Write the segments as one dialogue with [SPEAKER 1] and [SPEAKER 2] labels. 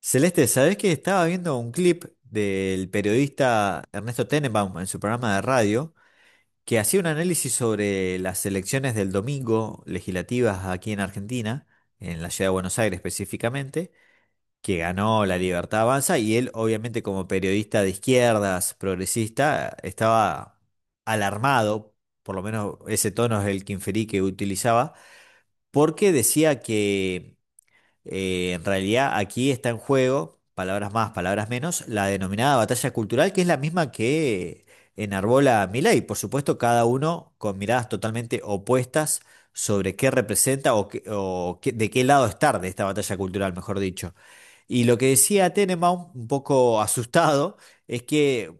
[SPEAKER 1] Celeste, ¿sabés que estaba viendo un clip del periodista Ernesto Tenenbaum en su programa de radio que hacía un análisis sobre las elecciones del domingo legislativas aquí en Argentina, en la ciudad de Buenos Aires específicamente, que ganó La Libertad Avanza? Y él, obviamente, como periodista de izquierdas, progresista, estaba alarmado, por lo menos ese tono es el que inferí que utilizaba, porque decía que en realidad aquí está en juego, palabras más, palabras menos, la denominada batalla cultural, que es la misma que enarbola Milei. Por supuesto, cada uno con miradas totalmente opuestas sobre qué representa de qué lado estar de esta batalla cultural, mejor dicho. Y lo que decía Tenenbaum, un poco asustado, es que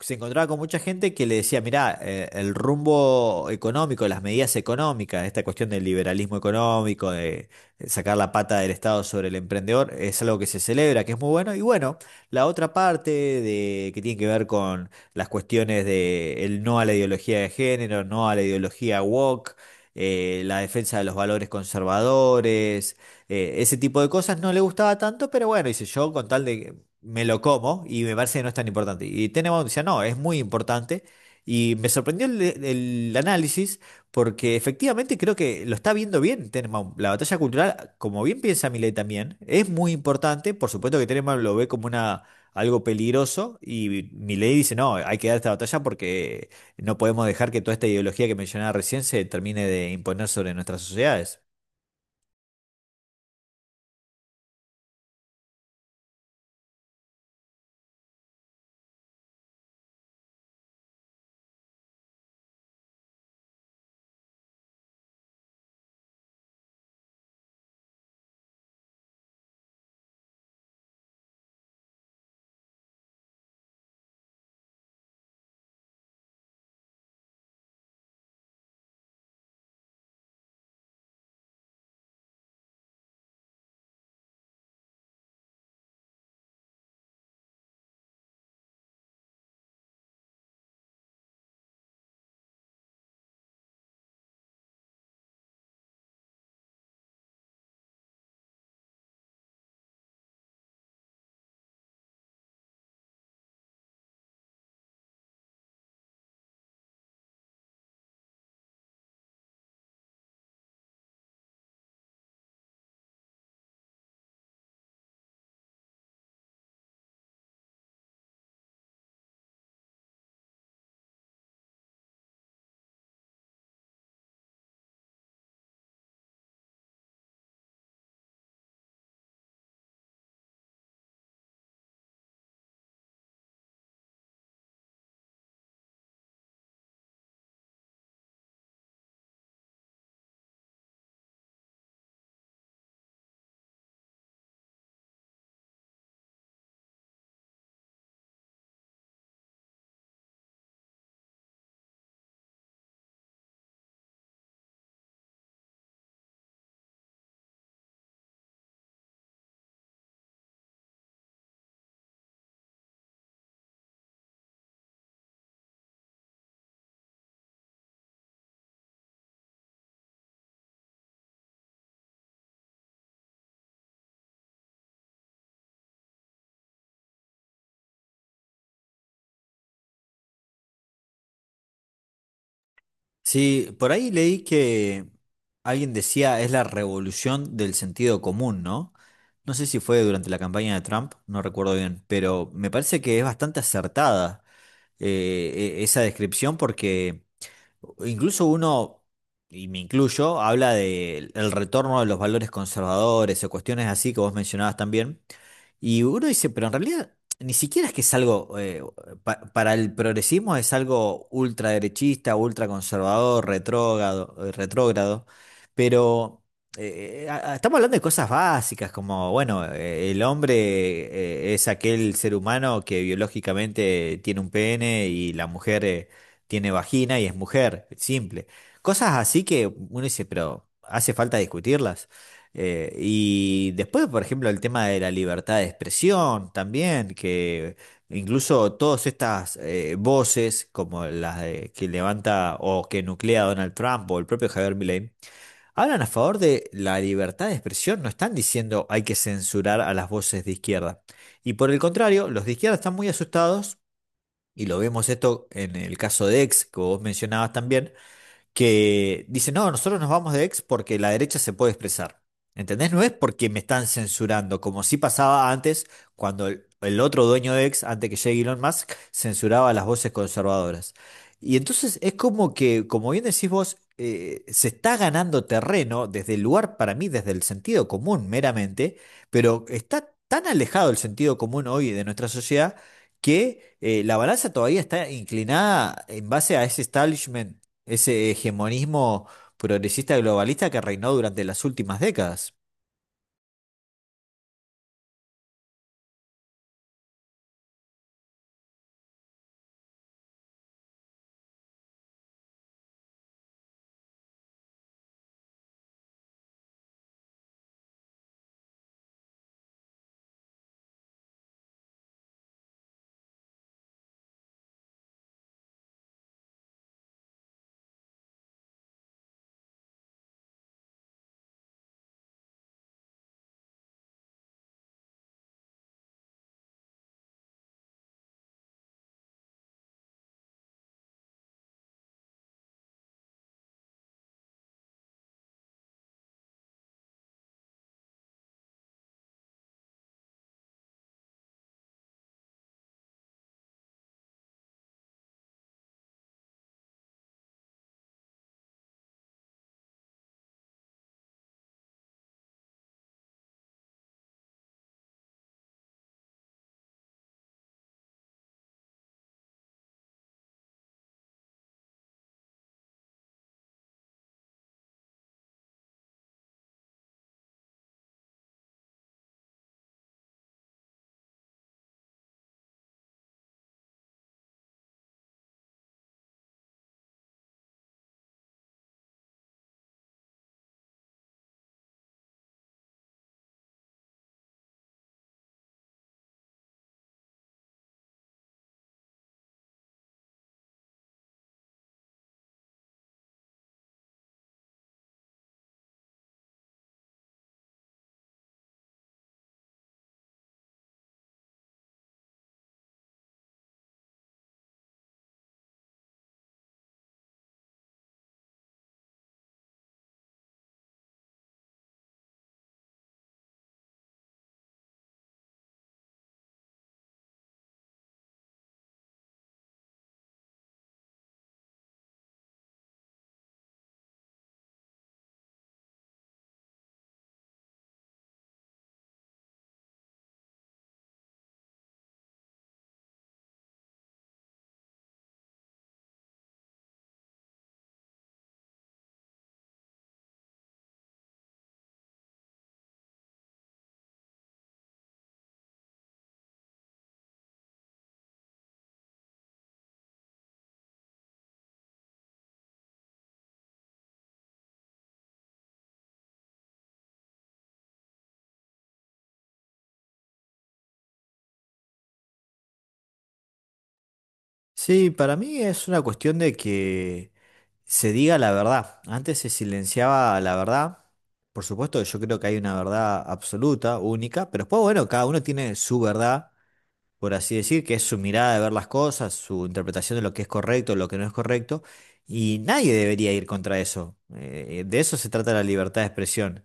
[SPEAKER 1] se encontraba con mucha gente que le decía, mirá, el rumbo económico, las medidas económicas, esta cuestión del liberalismo económico, de sacar la pata del Estado sobre el emprendedor, es algo que se celebra, que es muy bueno. Y bueno, la otra parte de, que tiene que ver con las cuestiones de el no a la ideología de género, no a la ideología woke, la defensa de los valores conservadores, ese tipo de cosas no le gustaba tanto, pero bueno, dice yo con tal de que me lo como y me parece que no es tan importante. Y Tenenbaum decía, no, es muy importante. Y me sorprendió el análisis, porque efectivamente creo que lo está viendo bien Tenenbaum. La batalla cultural, como bien piensa Milei también, es muy importante. Por supuesto que Tenenbaum lo ve como una, algo peligroso, y Milei dice, no, hay que dar esta batalla porque no podemos dejar que toda esta ideología que mencionaba recién se termine de imponer sobre nuestras sociedades. Sí, por ahí leí que alguien decía es la revolución del sentido común, ¿no? No sé si fue durante la campaña de Trump, no recuerdo bien, pero me parece que es bastante acertada esa descripción, porque incluso uno, y me incluyo, habla del retorno de los valores conservadores o cuestiones así que vos mencionabas también. Y uno dice, pero en realidad ni siquiera es que es algo, para el progresismo es algo ultraderechista, ultraconservador, retrógrado, retrógrado, pero estamos hablando de cosas básicas como, bueno, el hombre es aquel ser humano que biológicamente tiene un pene, y la mujer tiene vagina y es mujer, simple. Cosas así que uno dice, pero hace falta discutirlas. Y después, por ejemplo, el tema de la libertad de expresión también, que incluso todas estas voces, como las que levanta o que nuclea Donald Trump o el propio Javier Milei, hablan a favor de la libertad de expresión, no están diciendo hay que censurar a las voces de izquierda. Y por el contrario, los de izquierda están muy asustados, y lo vemos esto en el caso de X, que vos mencionabas también, que dice, no, nosotros nos vamos de ex porque la derecha se puede expresar. ¿Entendés? No es porque me están censurando, como sí pasaba antes, cuando el otro dueño de ex, antes que llegue Elon Musk, censuraba las voces conservadoras. Y entonces es como que, como bien decís vos, se está ganando terreno desde el lugar, para mí, desde el sentido común meramente, pero está tan alejado el sentido común hoy de nuestra sociedad que la balanza todavía está inclinada en base a ese establishment, ese hegemonismo progresista globalista que reinó durante las últimas décadas. Sí, para mí es una cuestión de que se diga la verdad. Antes se silenciaba la verdad. Por supuesto, yo creo que hay una verdad absoluta, única, pero después, bueno, cada uno tiene su verdad, por así decir, que es su mirada de ver las cosas, su interpretación de lo que es correcto, lo que no es correcto, y nadie debería ir contra eso. De eso se trata la libertad de expresión.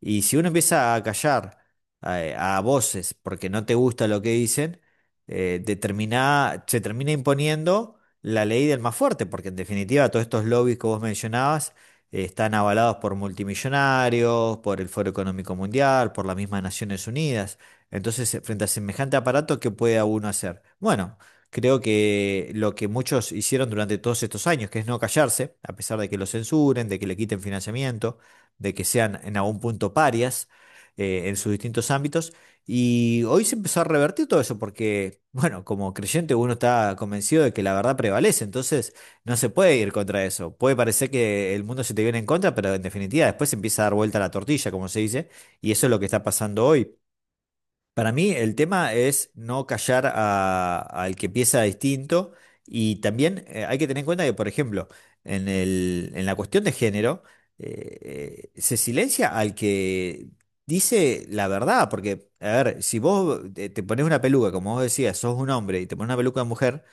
[SPEAKER 1] Y si uno empieza a callar a voces porque no te gusta lo que dicen, se termina imponiendo la ley del más fuerte, porque en definitiva todos estos lobbies que vos mencionabas están avalados por multimillonarios, por el Foro Económico Mundial, por las mismas Naciones Unidas. Entonces, frente a semejante aparato, ¿qué puede uno hacer? Bueno, creo que lo que muchos hicieron durante todos estos años, que es no callarse, a pesar de que lo censuren, de que le quiten financiamiento, de que sean en algún punto parias en sus distintos ámbitos. Y hoy se empezó a revertir todo eso porque, bueno, como creyente uno está convencido de que la verdad prevalece, entonces no se puede ir contra eso. Puede parecer que el mundo se te viene en contra, pero en definitiva después se empieza a dar vuelta la tortilla, como se dice, y eso es lo que está pasando hoy. Para mí el tema es no callar al que piensa distinto, y también, hay que tener en cuenta que, por ejemplo, en en la cuestión de género, se silencia al que dice la verdad, porque, a ver, si vos te pones una peluca, como vos decías, sos un hombre y te pones una peluca de mujer,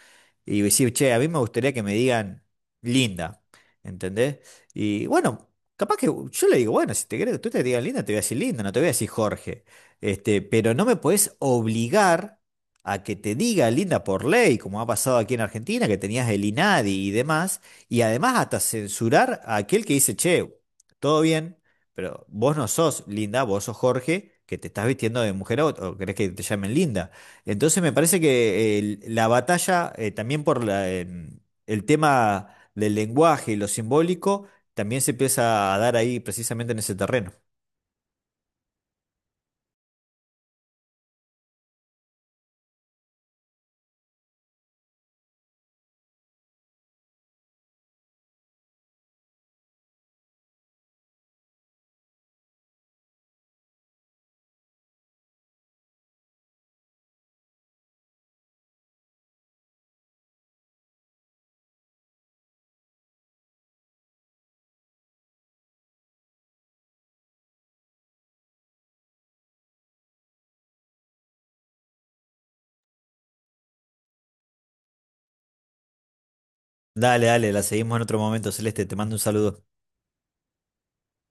[SPEAKER 1] y decir, che, a mí me gustaría que me digan linda, ¿entendés? Y bueno, capaz que yo le digo, bueno, si te querés que tú te digas linda, te voy a decir linda, no te voy a decir Jorge, este, pero no me podés obligar a que te diga linda por ley, como ha pasado aquí en Argentina, que tenías el INADI y demás, y además hasta censurar a aquel que dice, che, todo bien, pero vos no sos linda, vos sos Jorge, que te estás vistiendo de mujer, o querés que te llamen linda. Entonces me parece que la batalla, también por la, el tema del lenguaje y lo simbólico, también se empieza a dar ahí precisamente en ese terreno. Dale, dale, la seguimos en otro momento, Celeste, te mando un saludo.